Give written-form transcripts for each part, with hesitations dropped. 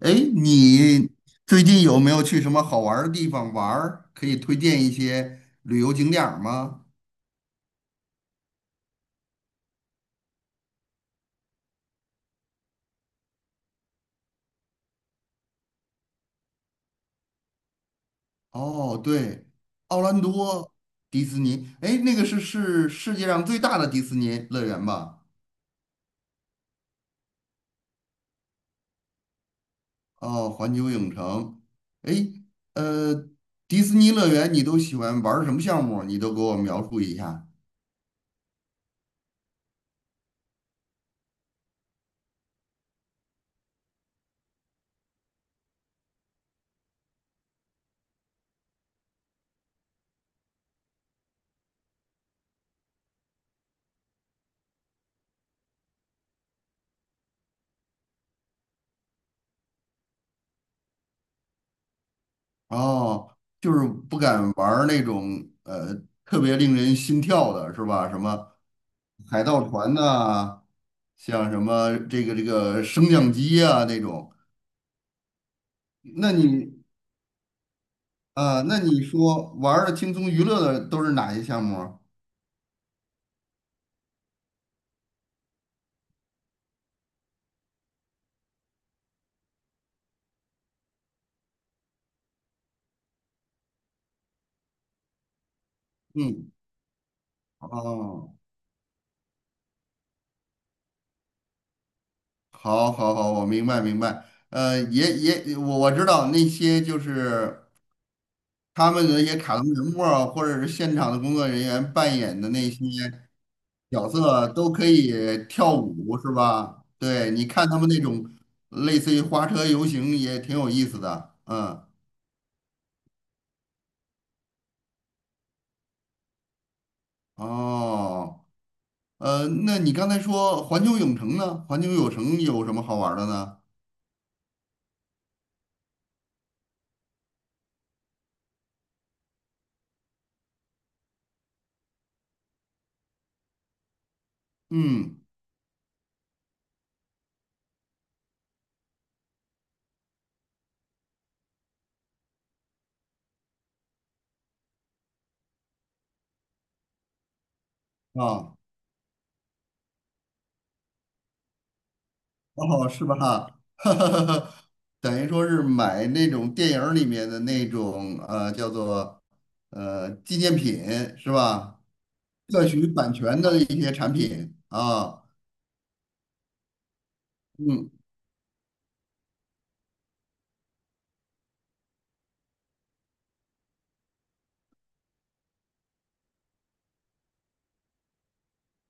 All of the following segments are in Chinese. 哎，你最近有没有去什么好玩儿的地方玩儿？可以推荐一些旅游景点儿吗？哦，对，奥兰多迪士尼。哎，那个是世界上最大的迪士尼乐园吧？哦，环球影城。哎，呃，迪士尼乐园你都喜欢玩儿什么项目？你都给我描述一下。哦，就是不敢玩儿那种特别令人心跳的是吧？什么海盗船呐、像什么这个升降机啊那种。那你啊、那你说玩儿的轻松娱乐的都是哪些项目啊？嗯。哦。好，好，好，我明白，明白。也我知道那些就是他们的那些卡通人物啊，或者是现场的工作人员扮演的那些角色，都可以跳舞，是吧？对，你看他们那种类似于花车游行也挺有意思的，嗯。哦，那你刚才说环球影城呢？环球影城有什么好玩儿的呢？嗯。啊。哦，是吧？等于说是买那种电影儿里面的那种叫做纪念品是吧？特许版权的一些产品啊。嗯。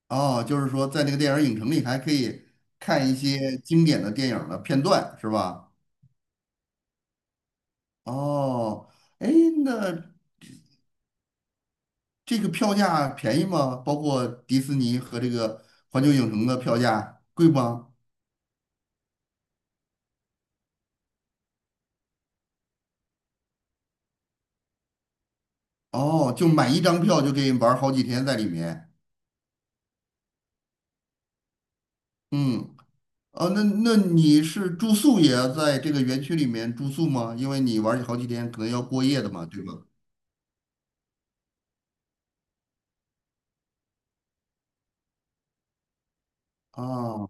哦，就是说在那个电影影城里还可以看一些经典的电影儿的片段是吧？哦。哎。那。这个票价便宜吗？包括迪士尼和这个环球影城的票价贵吗？哦，就买一张票就可以玩好几天在里面。嗯。啊，那你是住宿也要在这个园区里面住宿吗？因为你玩好几天，可能要过夜的嘛，对吧？哦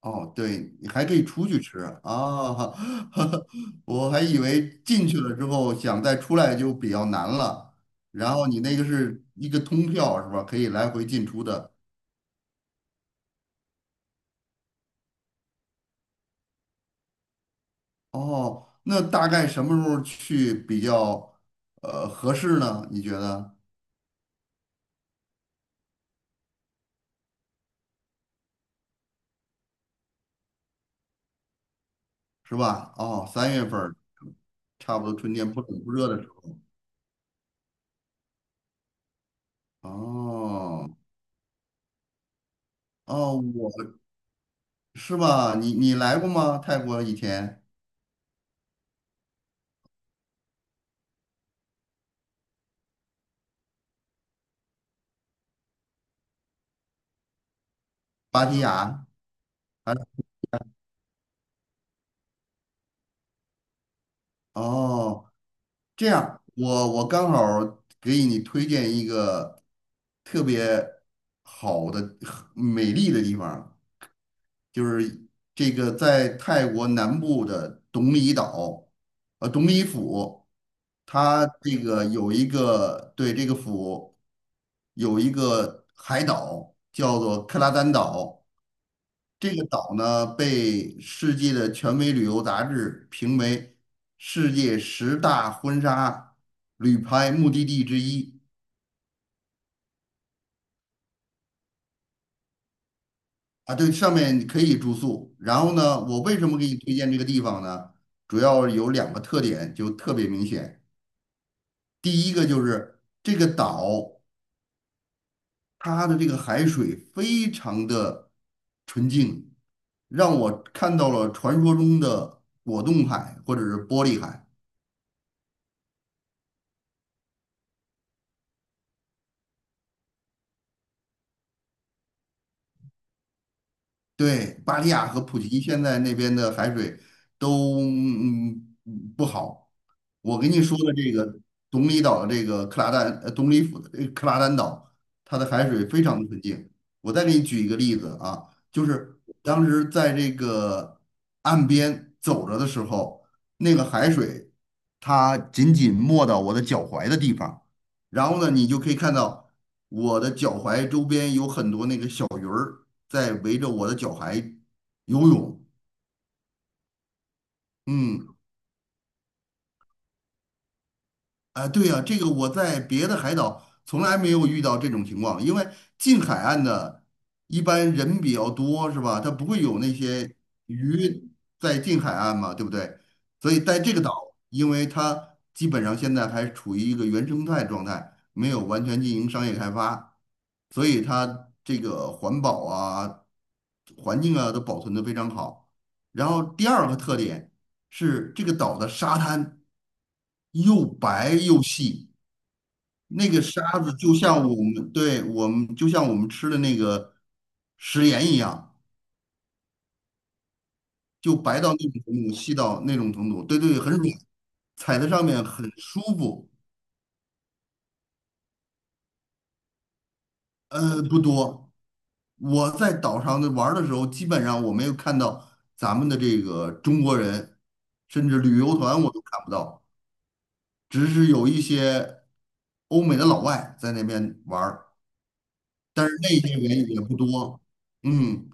哦，对，你还可以出去吃啊！我还以为进去了之后想再出来就比较难了。然后你那个是一个通票是吧？可以来回进出的。哦，那大概什么时候去比较合适呢？你觉得是吧？哦，三月份儿差不多春天不冷不热的时候。哦。哦，是吧？你来过吗？泰国以前，芭提雅。还是。哦，这样我刚好儿给你推荐一个特别好的美丽的地方儿，就是这个在泰国南部的董里岛。董里府，它这个有一个，对，这个府有一个海岛叫做克拉丹岛。这个岛呢被世界的权威旅游杂志评为世界十大婚纱旅拍目的地之一。啊，对，上面可以住宿。然后呢，我为什么给你推荐这个地方呢？主要有两个特点，就特别明显。第一个就是这个岛，它的这个海水非常的纯净，让我看到了传说中的果冻海或者是玻璃海。对，巴利亚和普吉现在那边的海水都不好。我跟你说的这个东里岛的这个克拉丹，东里府的这个克拉丹岛，它的海水非常的纯净。我再给你举一个例子啊，就是当时在这个岸边走着的时候，那个海水它仅仅没到我的脚踝的地方，然后呢，你就可以看到我的脚踝周边有很多那个小。在围着我的脚踝游泳。嗯。啊，对呀，这个我在别的海岛从来没有遇到这种情况，因为近海岸的一般人比较多，是吧？它不会有那些鱼在近海岸嘛，对不对？所以在这个岛，因为它基本上现在还处于一个原生态状态，没有完全进行商业开发，所以它这个环保啊、环境啊都保存得非常好。然后第二个特点是这个岛的沙滩又白又细。那个沙子就像我们，对，我们就像我们吃的那个食盐一样，就白到那种程度，细到那种程度，对对，很软，踩在上面很舒服。不多，我在岛上的玩儿的时候，基本上我没有看到咱们的这个中国人，甚至旅游团我都看不到，只是有一些欧美的老外在那边玩儿，但是那些人也不多。嗯。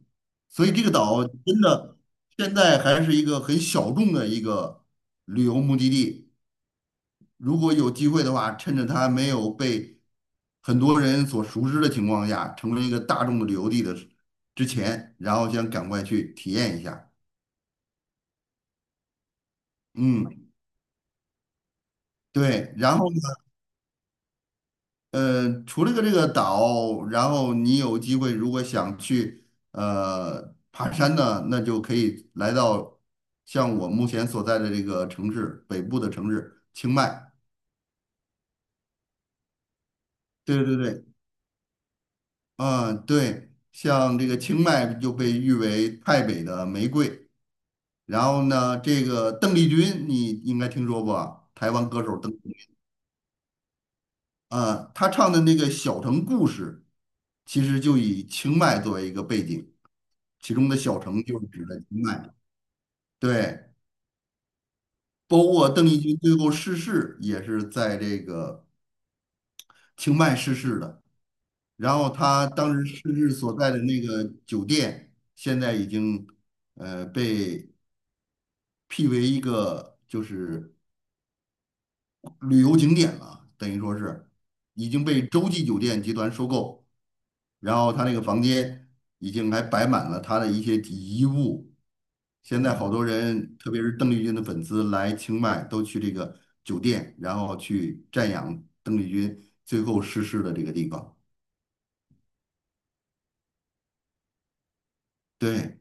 所以这个岛真的现在还是一个很小众的一个旅游目的地。如果有机会的话，趁着它没有被很多人所熟知的情况下，成为一个大众的旅游地的之前，然后想赶快去体验一下。嗯，对。然后呢，除了这个岛，然后你有机会如果想去爬山呢，那就可以来到像我目前所在的这个城市北部的城市清迈。对对对。嗯，对，像这个清迈就被誉为泰北的玫瑰。然后呢，这个邓丽君你应该听说过啊，台湾歌手邓丽君。嗯，她唱的那个《小城故事》，其实就以清迈作为一个背景，其中的小城就是指的清迈。对，包括邓丽君最后逝世也是在这个清迈逝世的。然后他当时逝世所在的那个酒店，现在已经被辟为一个就是旅游景点了，等于说是已经被洲际酒店集团收购，然后他那个房间已经还摆满了他的一些遗物。现在好多人，特别是邓丽君的粉丝来清迈，都去这个酒店，然后去瞻仰邓丽君最后逝世的这个地方。对。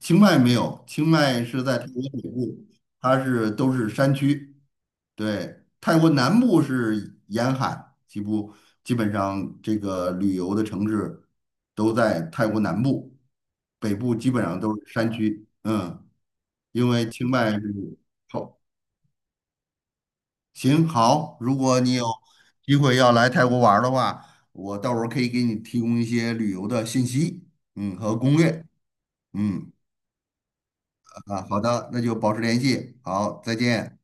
清迈没有，清迈是在泰国北部，它是都是山区。对，泰国南部是沿海，几乎基本上这个旅游的城市都在泰国南部，北部基本上都是山区。嗯，因为清迈是好。行。好。如果你有机会要来泰国玩儿的话，我到时候可以给你提供一些旅游的信息，嗯，和攻略。嗯。啊，好的，那就保持联系，好，再见。